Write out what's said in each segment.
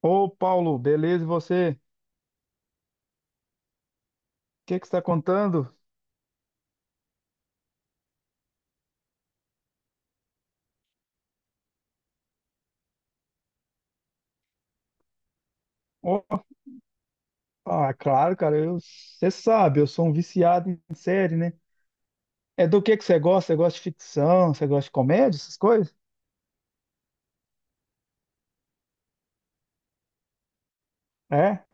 Ô, Paulo, beleza? E você? O que que você está contando? Ô, claro, cara, você sabe, eu sou um viciado em série, né? É do que você gosta? Você gosta de ficção? Você gosta de comédia, essas coisas? É?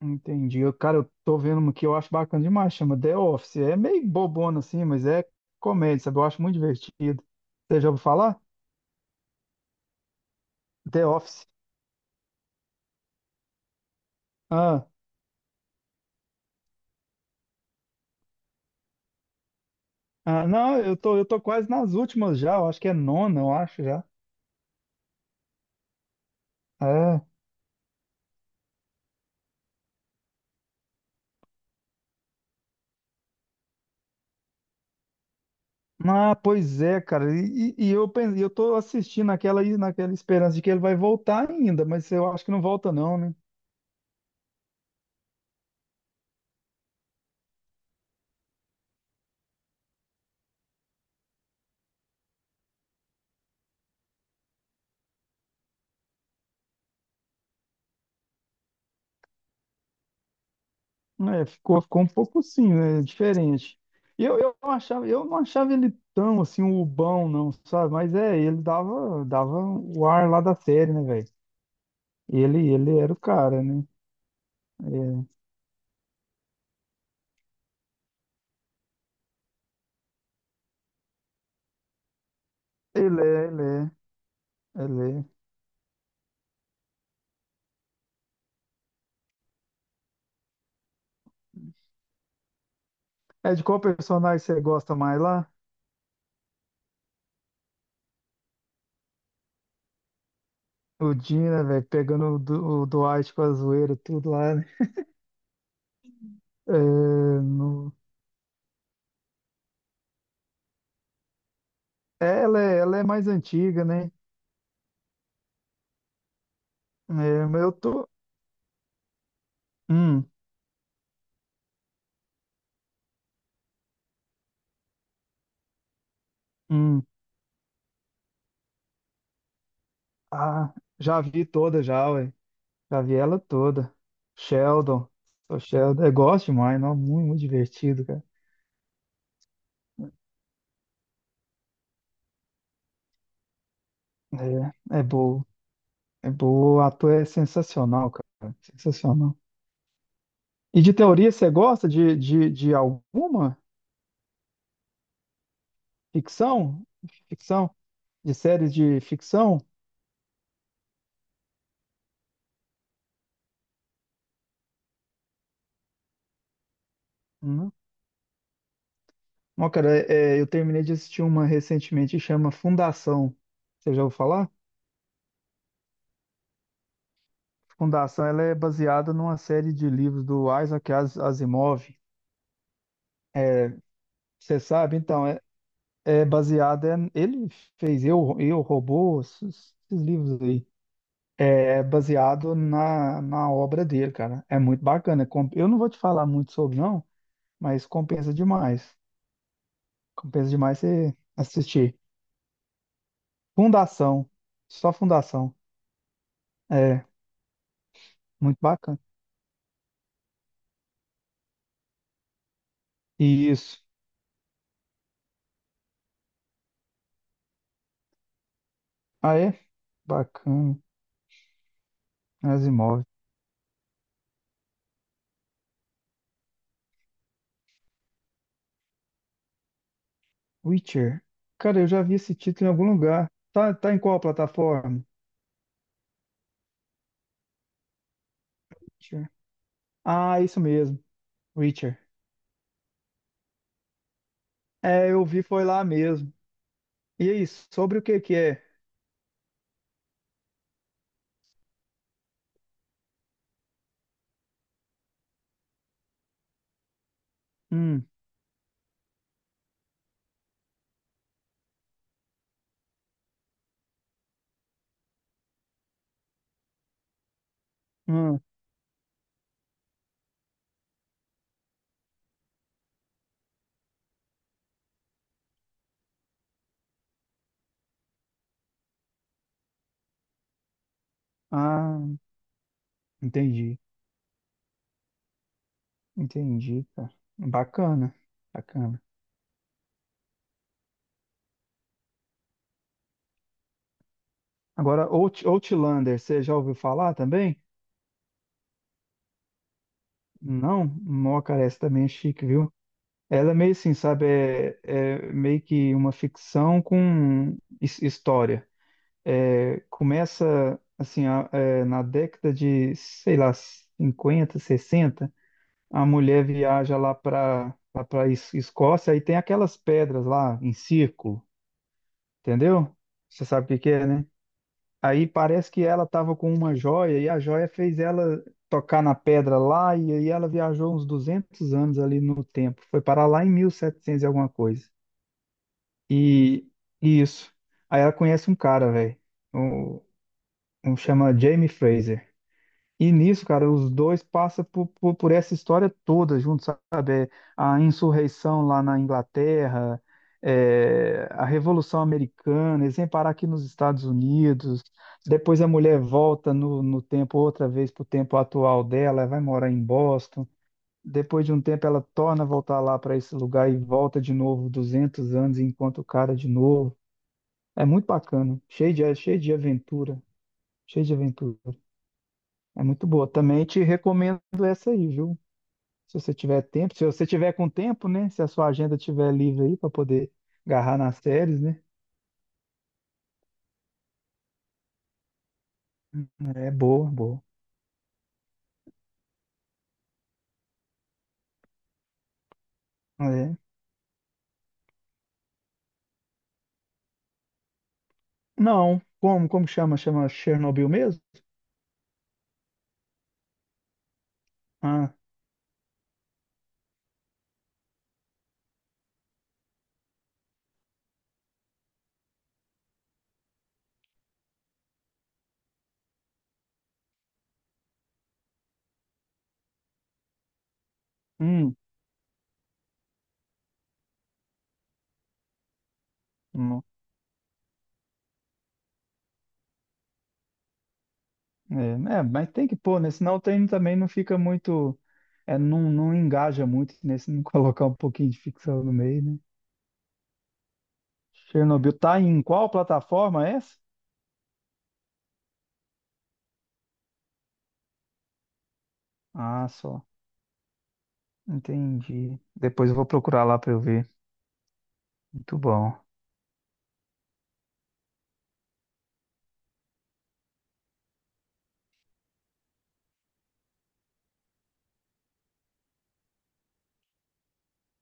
Entendi. Eu tô vendo uma que eu acho bacana demais, chama The Office. É meio bobona assim, mas é comédia, sabe? Eu acho muito divertido. Você já ouviu falar? The Office. Ah, ah, não, eu tô quase nas últimas já, eu acho que é nona, eu acho já. É. Ah, pois é, cara. E eu tô assistindo aquela naquela esperança de que ele vai voltar ainda, mas eu acho que não volta não, né? É, ficou um pouco assim, né? Diferente. Eu não achava ele tão assim bobão, não, sabe? Mas é, dava o ar lá da série, né, velho? Ele era o cara, né? É. Ele é, ele é, ele é. É de qual personagem você gosta mais lá? O Jim, né, velho? Pegando o Dwight com a zoeira, tudo lá, né? É, no- É, ela é mais antiga, né? É, mas eu tô. Hum, hum. Ah, já vi toda já, ué. Já vi ela toda. Sheldon. Sou Sheldon. Eu gosto demais, não? Muito, muito divertido, cara. É, é boa. É boa. O ator é sensacional, cara. Sensacional. E de teoria, você gosta de alguma ficção? Ficção? De séries de ficção? Não, Não, cara, é, eu terminei de assistir uma recentemente que chama Fundação. Você já ouviu falar? Fundação, ela é baseada numa série de livros do Asimov. Você sabe? Então, é, Ele fez Eu, Robô, esses livros aí. É baseado na obra dele, cara. É muito bacana. Eu não vou te falar muito sobre, não, mas compensa demais. Compensa demais você assistir. Fundação. Só Fundação. É, muito bacana. Isso. Ah, é? Bacana. Asimov. Witcher. Cara, eu já vi esse título em algum lugar. Tá em qual plataforma? Witcher. Ah, isso mesmo. Witcher. É, eu vi, foi lá mesmo. E aí, sobre o que que é? Hum, hum. Ah, entendi. Entendi, cara. Bacana. Bacana. Agora, Outlander, você já ouviu falar também? Não? Mó, cara, essa também é chique, viu? Ela é meio assim, sabe? É, é meio que uma ficção com história. É, começa é, na década de, sei lá, 50 sessenta, a mulher viaja lá para Escócia e tem aquelas pedras lá em círculo, entendeu? Você sabe o que que é, né? Aí parece que ela estava com uma joia e a joia fez ela tocar na pedra lá e aí ela viajou uns 200 anos ali no tempo. Foi parar lá em 1700 e setecentos e alguma coisa. E e isso. Aí ela conhece um cara, velho. Um, um chama Jamie Fraser. E nisso, cara, os dois passam por essa história toda junto, sabe? É, a insurreição lá na Inglaterra, é, a Revolução Americana, eles vêm parar aqui nos Estados Unidos, depois a mulher volta no tempo outra vez para o tempo atual dela, vai morar em Boston, depois de um tempo ela torna a voltar lá para esse lugar e volta de novo 200 anos e encontra o cara de novo. É muito bacana, cheio de aventura, cheio de aventura. É muito boa. Também te recomendo essa aí, viu? Se você tiver tempo, se você tiver com tempo, né? Se a sua agenda tiver livre aí para poder agarrar nas séries, né? É boa, boa. É. Não, como chama? Chama Chernobyl mesmo? Ah, hum, não. É, é, mas tem que pôr, né? Senão tem, também não fica muito, é, não engaja muito, né? Se não colocar um pouquinho de ficção no meio, né? Chernobyl tá em qual plataforma essa? Ah, só. Entendi. Depois eu vou procurar lá para eu ver. Muito bom.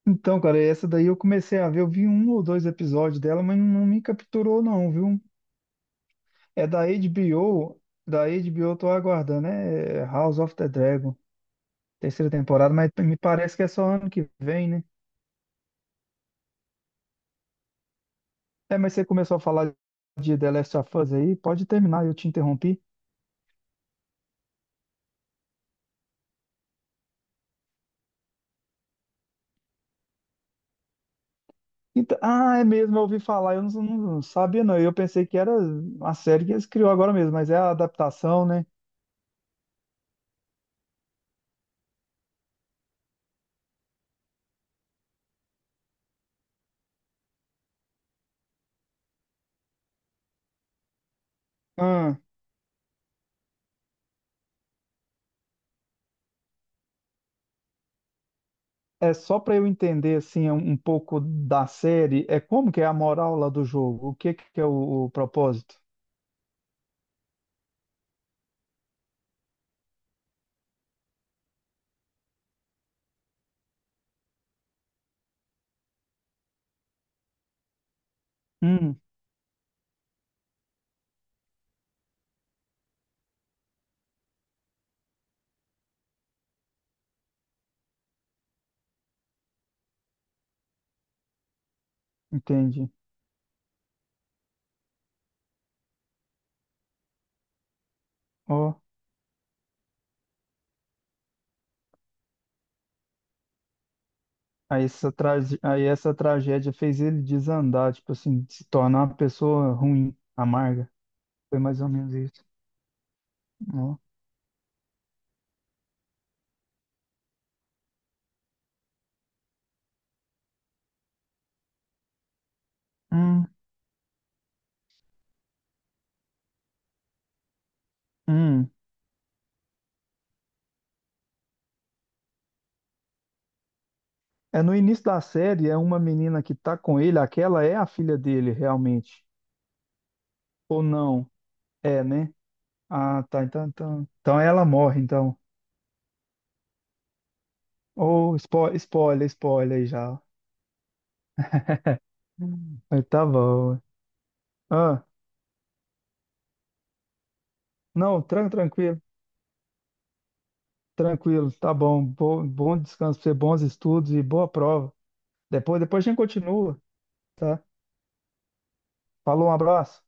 Então, cara, essa daí eu comecei a ver, eu vi um ou dois episódios dela, mas não me capturou não, viu? É da HBO, da HBO eu tô aguardando, né? É House of the Dragon, terceira temporada, mas me parece que é só ano que vem, né? É, mas você começou a falar de The Last of Us aí, pode terminar, eu te interrompi. Então, ah, é mesmo, eu ouvi falar, eu não, não- não sabia não, eu pensei que era uma série que eles criou agora mesmo, mas é a adaptação, né? É só para eu entender assim um um pouco da série, é como que é a moral lá do jogo? O que que é o propósito? Hum, entendi. Ó, aí essa tragédia fez ele desandar, tipo assim, se tornar uma pessoa ruim, amarga. Foi mais ou menos isso. Ó. Hum, hum. É no início da série, é uma menina que tá com ele, aquela é a filha dele realmente. Ou não? É, né? Ah, tá, então ela morre, então. Ou Oh, spoiler aí já. Aí tá bom. Ah, não, tranquilo, tranquilo, tá bom. Bom, bom descanso pra você, bons estudos e boa prova. Depois a gente continua, tá? Falou, um abraço.